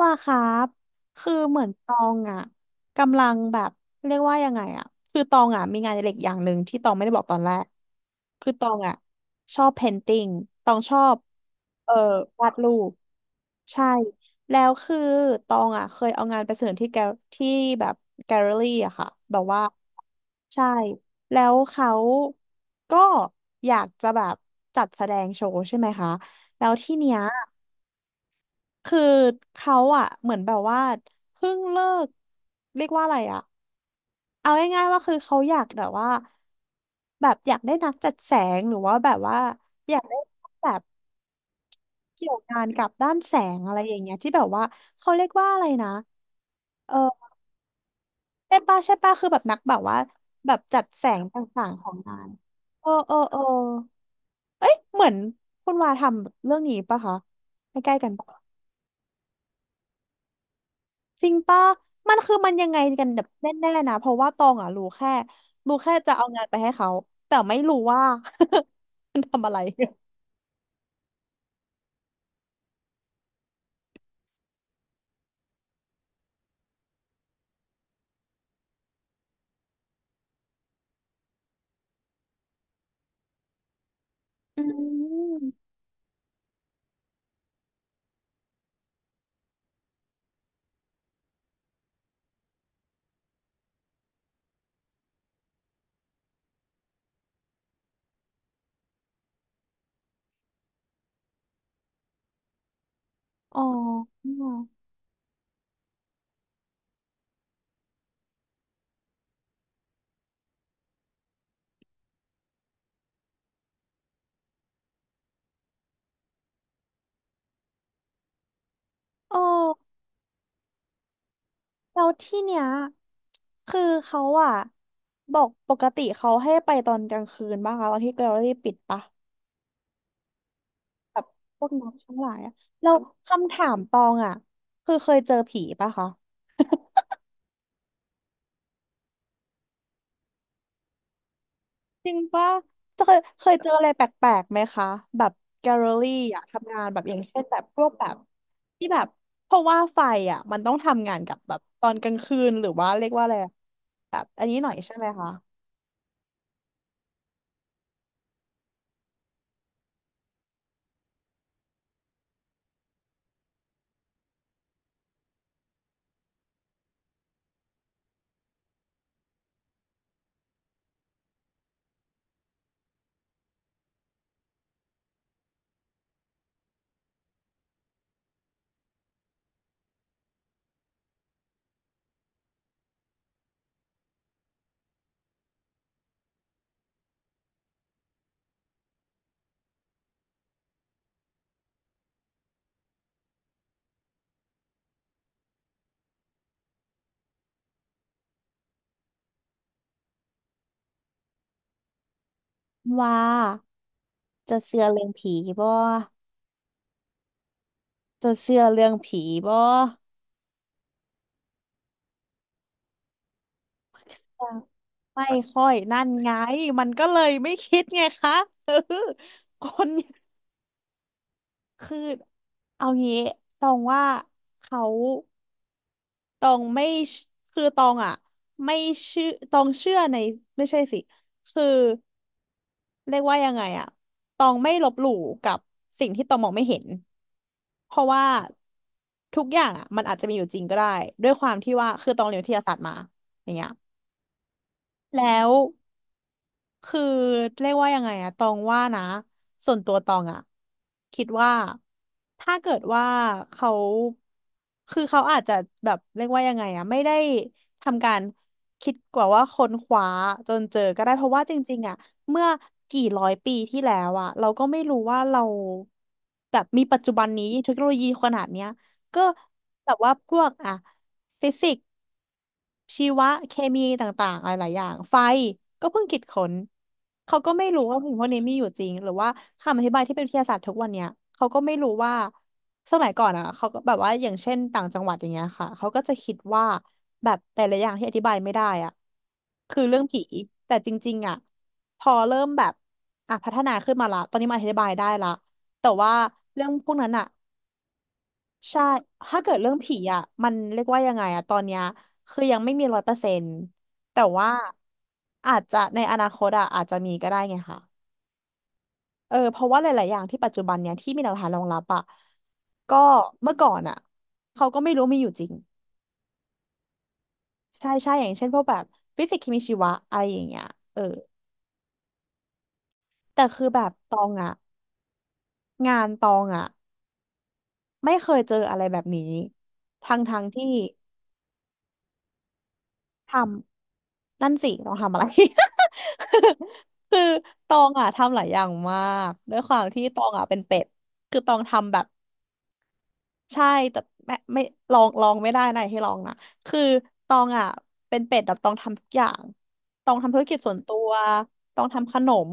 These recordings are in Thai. ว่าครับคือเหมือนตองอ่ะกำลังแบบเรียกว่ายังไงอ่ะคือตองอ่ะมีงานอดิเรกอย่างหนึ่งที่ตองไม่ได้บอกตอนแรกคือตองอ่ะชอบเพนติ n งตองชอบเอ่อวาดรูปใช่แล้วคือตองอ่ะเคยเอางานไปเสนอที่แกลที่แบบแกลเลอรี่อะค่ะแบบว่าใช่แล้วเขาก็อยากจะแบบจัดแสดงโชว์ใช่ไหมคะแล้วที่เนี้ย คือเขาอะเหมือนแบบว่าเพิ่งเลิกเรียกว่าอะไรอะเอาง่ายๆว่าคือเขาอยากแบบว่าแบบอยากได้นักจัดแสงหรือว่าแบบว่าอยากได้แบบเกี่ยวงานกับด้านแสงอะไรอย่างเงี้ยที่แบบว่าเขาเรียกว่าอะไรนะเออใช่ป่ะใช่ป่ะคือแบบนักแบบว่าแบบจัดแสงต่างๆของงานเออเออเออเอ้ยเหมือนคุณวาทำเรื่องนี้ปะคะใกล้ๆกันปะ จริงป่ะมันคือมันยังไงกันแบบแน่ๆนะเพราะว่าตองอ่ะรู้แค่จะเอางานไปให้เขาแต่ไม่รู้ว่า มันทำอะไรอืมอ๋ออ๋อแล้วที่เนี้ยคือเขาอ่ะบอกปกติเขาให้ไปตอนกลางคืนบ้างคะตอนที่แกลเลอรี่ปิดปะแบบพวกน้องทั้งหลายอะแล้วคำถามตองอ่ะคือเคยเจอผีปะคะ จริงป่ะเคยเจออะไรแปลกๆไหมคะแบบแกลเลอรี่อะทำงานแบบอย่างเช่นแบบพวกแบบที่แบบเพราะว่าไฟอะมันต้องทำงานกับแบบตอนกลางคืนหรือว่าเรียกว่าอะไรอะแบบอันนี้หน่อยใช่ไหมคะว่าจะเชื่อเรื่องผีบ่จะเชื่อเรื่องผีบ่ยังไม่ค่อยนั่นไงมันก็เลยไม่คิดไงคะเออคน คือเอางี้ตรงว่าเขา ตองไม่เชคือตองอ่ะไม่เชื่อตองเชื่อในไม่ใช่สิคือเรียกว่ายังไงอ่ะตองไม่ลบหลู่กับสิ่งที่ตองมองไม่เห็นเพราะว่าทุกอย่างอ่ะมันอาจจะมีอยู่จริงก็ได้ด้วยความที่ว่าคือตองเรียนวิทยาศาสตร์มาอย่างเงี้ยแล้ว คือเรียกว่ายังไงอะตองว่านะส่วนตัวตองอะคิดว่าถ้าเกิดว่าเขาคือเขาอาจจะแบบเรียกว่ายังไงอะไม่ได้ทำการคิดกว่าว่าค้นคว้าจนเจอก็ได้เพราะว่าจริงๆอะเมื่อกี่ร้อยปีที่แล้วอะเราก็ไม่รู้ว่าเราแบบมีปัจจุบันนี้เทคโนโลยีขนาดเนี้ยก็แบบว่าพวกอะฟิสิก ชีวะเคมีต่างๆอะไรหลายอย่างไฟก็เพิ่งคิดค้นเขาก็ไม่รู้ว่าสิ่งพวกนี้มีอยู่จริงหรือว่าคำอธิบายที่เป็นวิทยาศาสตร์ทุกวันเนี้ยเขาก็ไม่รู้ว่าสมัยก่อนอ่ะเขาก็แบบว่าอย่างเช่นต่างจังหวัดอย่างเงี้ยค่ะเขาก็จะคิดว่าแบบแต่ละอย่างที่อธิบายไม่ได้อ่ะคือเรื่องผีแต่จริงๆอ่ะพอเริ่มแบบอ่ะพัฒนาขึ้นมาละตอนนี้มาอธิบายได้ละแต่ว่าเรื่องพวกนั้นอ่ะ ใช่ถ้าเกิดเรื่องผีอ่ะมันเรียกว่ายังไงอ่ะตอนเนี้ยคือยังไม่มีร้อยเปอร์เซ็นต์แต่ว่าอาจจะในอนาคตอ่ะอาจจะมีก็ได้ไงค่ะเออเพราะว่าหลายๆอย่างที่ปัจจุบันเนี่ยที่มีหลักฐานรองรับอ่ะก็เมื่อก่อนอ่ะเขาก็ไม่รู้มีอยู่จริงใช่ใช่อย่างเช่นพวกแบบฟิสิกส์เคมีชีวะอะไรอย่างเงี้ยเออแต่คือแบบตองอ่ะงานตองอ่ะไม่เคยเจออะไรแบบนี้ทั้งทงที่ทำ นั่นสิต้องทำอะไร คือตองอ่ะทำหลายอย่างมาก ด้วยความที่ตองอ่ะเป็นเป็ด คือตองทำแบบใช่แต่ไม่ลองไม่ได้นะให้ลองนะคือตองอ่ะเป็นเป็ดแบบตองทำทุกอย่างตองทำธุรกิจส่วนตัวตองทำขนม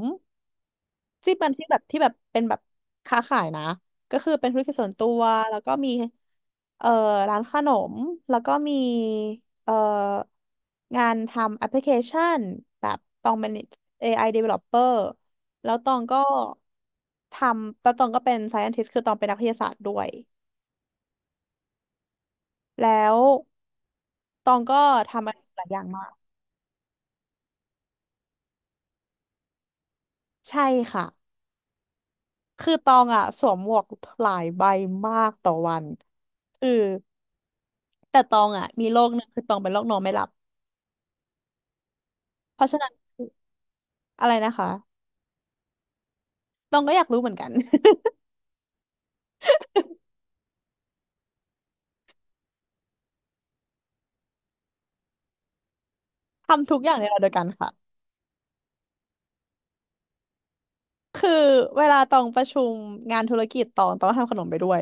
ที่เป็นที่แบบที่แบบเป็นแบบค้าขายนะก็คือเป็นธุรกิจส่วนตัวแล้วก็มีเอ่อร้านขนมแล้วก็มีเอ่องานทำแอปพลิเคชันแบบตองเป็น AI developer แล้วตองก็ทำแล้วตองก็เป็น scientist คือตองเป็นนักวิทยาศาสตร์ด้วยแล้วตองก็ทำอะไรหลายอย่างมากใช่ค่ะคือตองอ่ะสวมหมวกหลายใบมากต่อวันคือ แต่ตองอ่ะมีโรคหนึงคือตองเป็นโรคนอนไม่หลับเพราะฉะนั้นอะไรนะคะตองก็อยากรู้เหมือนกัน ทำทุกอย่างในเวลาเดียวกันค่ะคือเวลาตองประชุมงานธุรกิจตองก็ทำขนมไปด้วย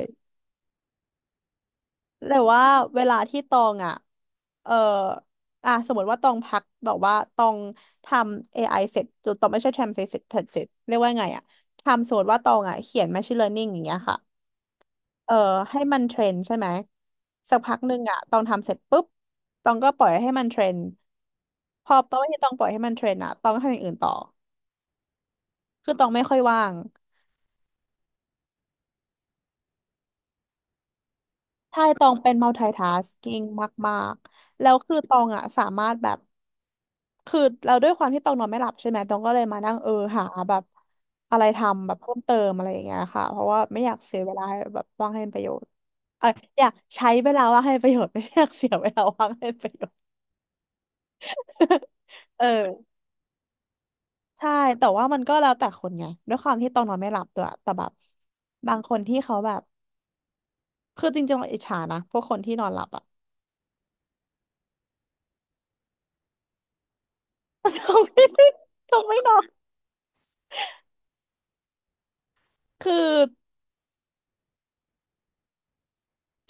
แต่ว่าเวลาที่ตองอ่ะเอออ่ะสมมติว่าตองพักแบบว่าตองทำ AI เสร็จตองไม่ใช่ทำเสร็จเสร็จเสร็จเรียกว่าไงอ่ะทำสมมติว่าตองอ่ะเขียน Machine Learning อย่างเงี้ยค่ะ เออให้มันเทรนใช่ไหมสักพักหนึ่งอะตองทำเสร็จปุ๊บตองก็ปล่อยให้มันเทรนพอตองที่ตองปล่อยให้มันเทรนอะตองก็ทำอย่างอื่นต่อคือตองไม่ค่อยว่างใช่ตองเป็น multitasking มากๆแล้วคือตองอะสามารถแบบคือเราด้วยความที่ตองนอนไม่หลับใช่ไหมตองก็เลยมานั่งหาแบบอะไรทำแบบเพิ่มเติมอะไรอย่างเงี้ยค่ะเพราะว่าไม่อยากเสียเวลาแบบว่างให้เป็นประโยชน์เอออยากใช้เวลาว่างให้เป็นประโยชน์ไม่อยากเสียเวลาว่างให้เป็นประโยชน์ เออ ใช่แต่ว่ามันก็แล้วแต่คนไงด้วยความที่ต้องนอนไม่หลับด้วยแต่แบบบางคนที่เขาแบบคือจริงๆเราอิจฉานะพวกคนที่นอนหลับอะ เขาไม่เขาไม่นอนคือ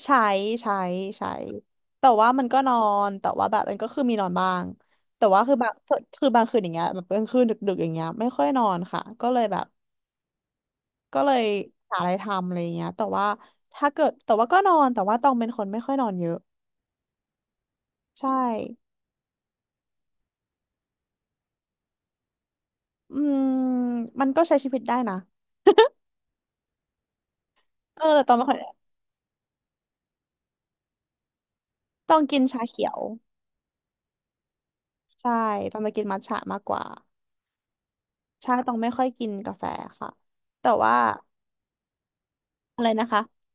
ใช้ใช้ใช้แต่ว่ามันก็นอนแต่ว่าแบบมันก็คือมีนอนบ้างแต่ว่าคือบางคืนอย่างเงี้ยแบบกลางคืนดึกๆอย่างเงี้ยไม่ค่อยนอนค่ะก็เลยแบบก็เลยหาอะไรทำอะไรเงี้ยแต่ว่าถ้าเกิดแต่ว่าก็นอนแต่ว่าต้องเป็นคนไม่ค่อยนอนเยอะใช่อืมมันก็ใช้ชีวิตได้นะ แต่ตองไม่ค่อยต้องกินชาเขียวใช่ต้องจะกินมัทฉะมากกว่าใช่ต้องไม่ค่อยกินกาแฟค่ะ แต่ว่าอะไรนะคะ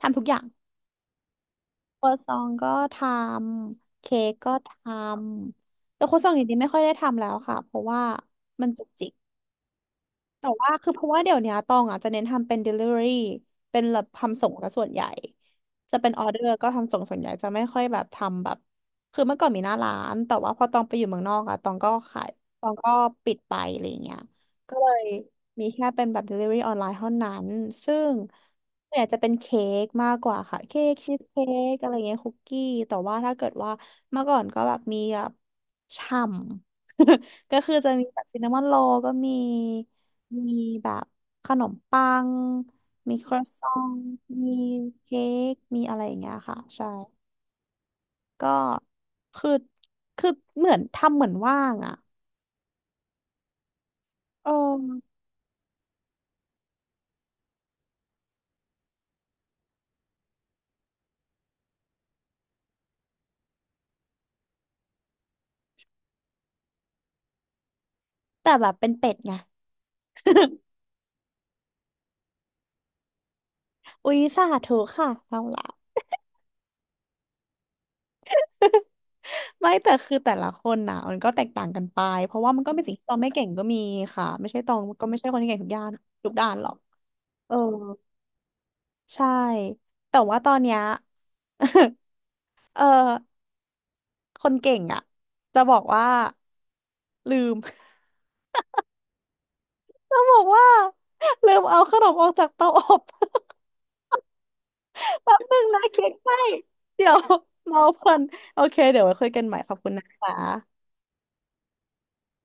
ทำทุกอย่างครัวซองก็ทำเค้กก็ทำแต่ครัวซองอย่างนี้ไม่ค่อยได้ทำแล้วค่ะเพราะว่ามันจุกจิก แต่ว่าคือเพราะว่าเดี๋ยวเนี้ยตองอ่ะจะเน้นทำเป็น delivery เป็นแบบทำส่งซะส่วนใหญ่จะเป็นออเดอร์ก็ทำส่งส่วนใหญ่จะไม่ค่อยแบบทำแบบคือเมื่อก่อนมีหน้าร้านแต่ว่าพอตองไปอยู่เมืองนอกอ่ะตองก็ขายตองก็ปิดไปอะไรเงี้ยก็เลยมีแค่เป็นแบบ delivery ออนไลน์เท่านั้นซึ่งเวนี่ยจะเป็นเค้กมากกว่าค่ะเค้กชีสเค้กอะไรเงี้ยคุกกี้แต่ว่าถ้าเกิดว่าเมื่อก่อนก็แบบมีแบบฉ่ำ ก็คือจะมีแบบซินนามอนโรลก็มีมีแบบขนมปังมีครัวซองมีเค้กมีอะไรอย่างเงี้ยค่ะใช่ก็คือคือเหมือนทำเหมือนว่างอ่ะเออแต่แบบเป็นเป็ดไง อุ๊ยสาธุค่ะเอาละไม่แต่คือแต่ละคนน่ะมันก็แตกต่างกันไปเพราะว่ามันก็เป็นสิ่งที่ตองไม่เก่งก็มีค่ะไม่ใช่ตองก็ไม่ใช่คนที่เก่งทุกด้านทุกด้านหรอกเออใช่แต่ว่าตอนเนี้ย เออคนเก่งอ่ะจะบอกว่าลืม จะบอกว่าลืมเอาขนมออกจากเตาอบ แป๊บนึงนะเค้กไหมเดี๋ยว เมาเพลินโอเคเดี๋ยวไว้คุยกันใหม่ขอบคุณนะคะ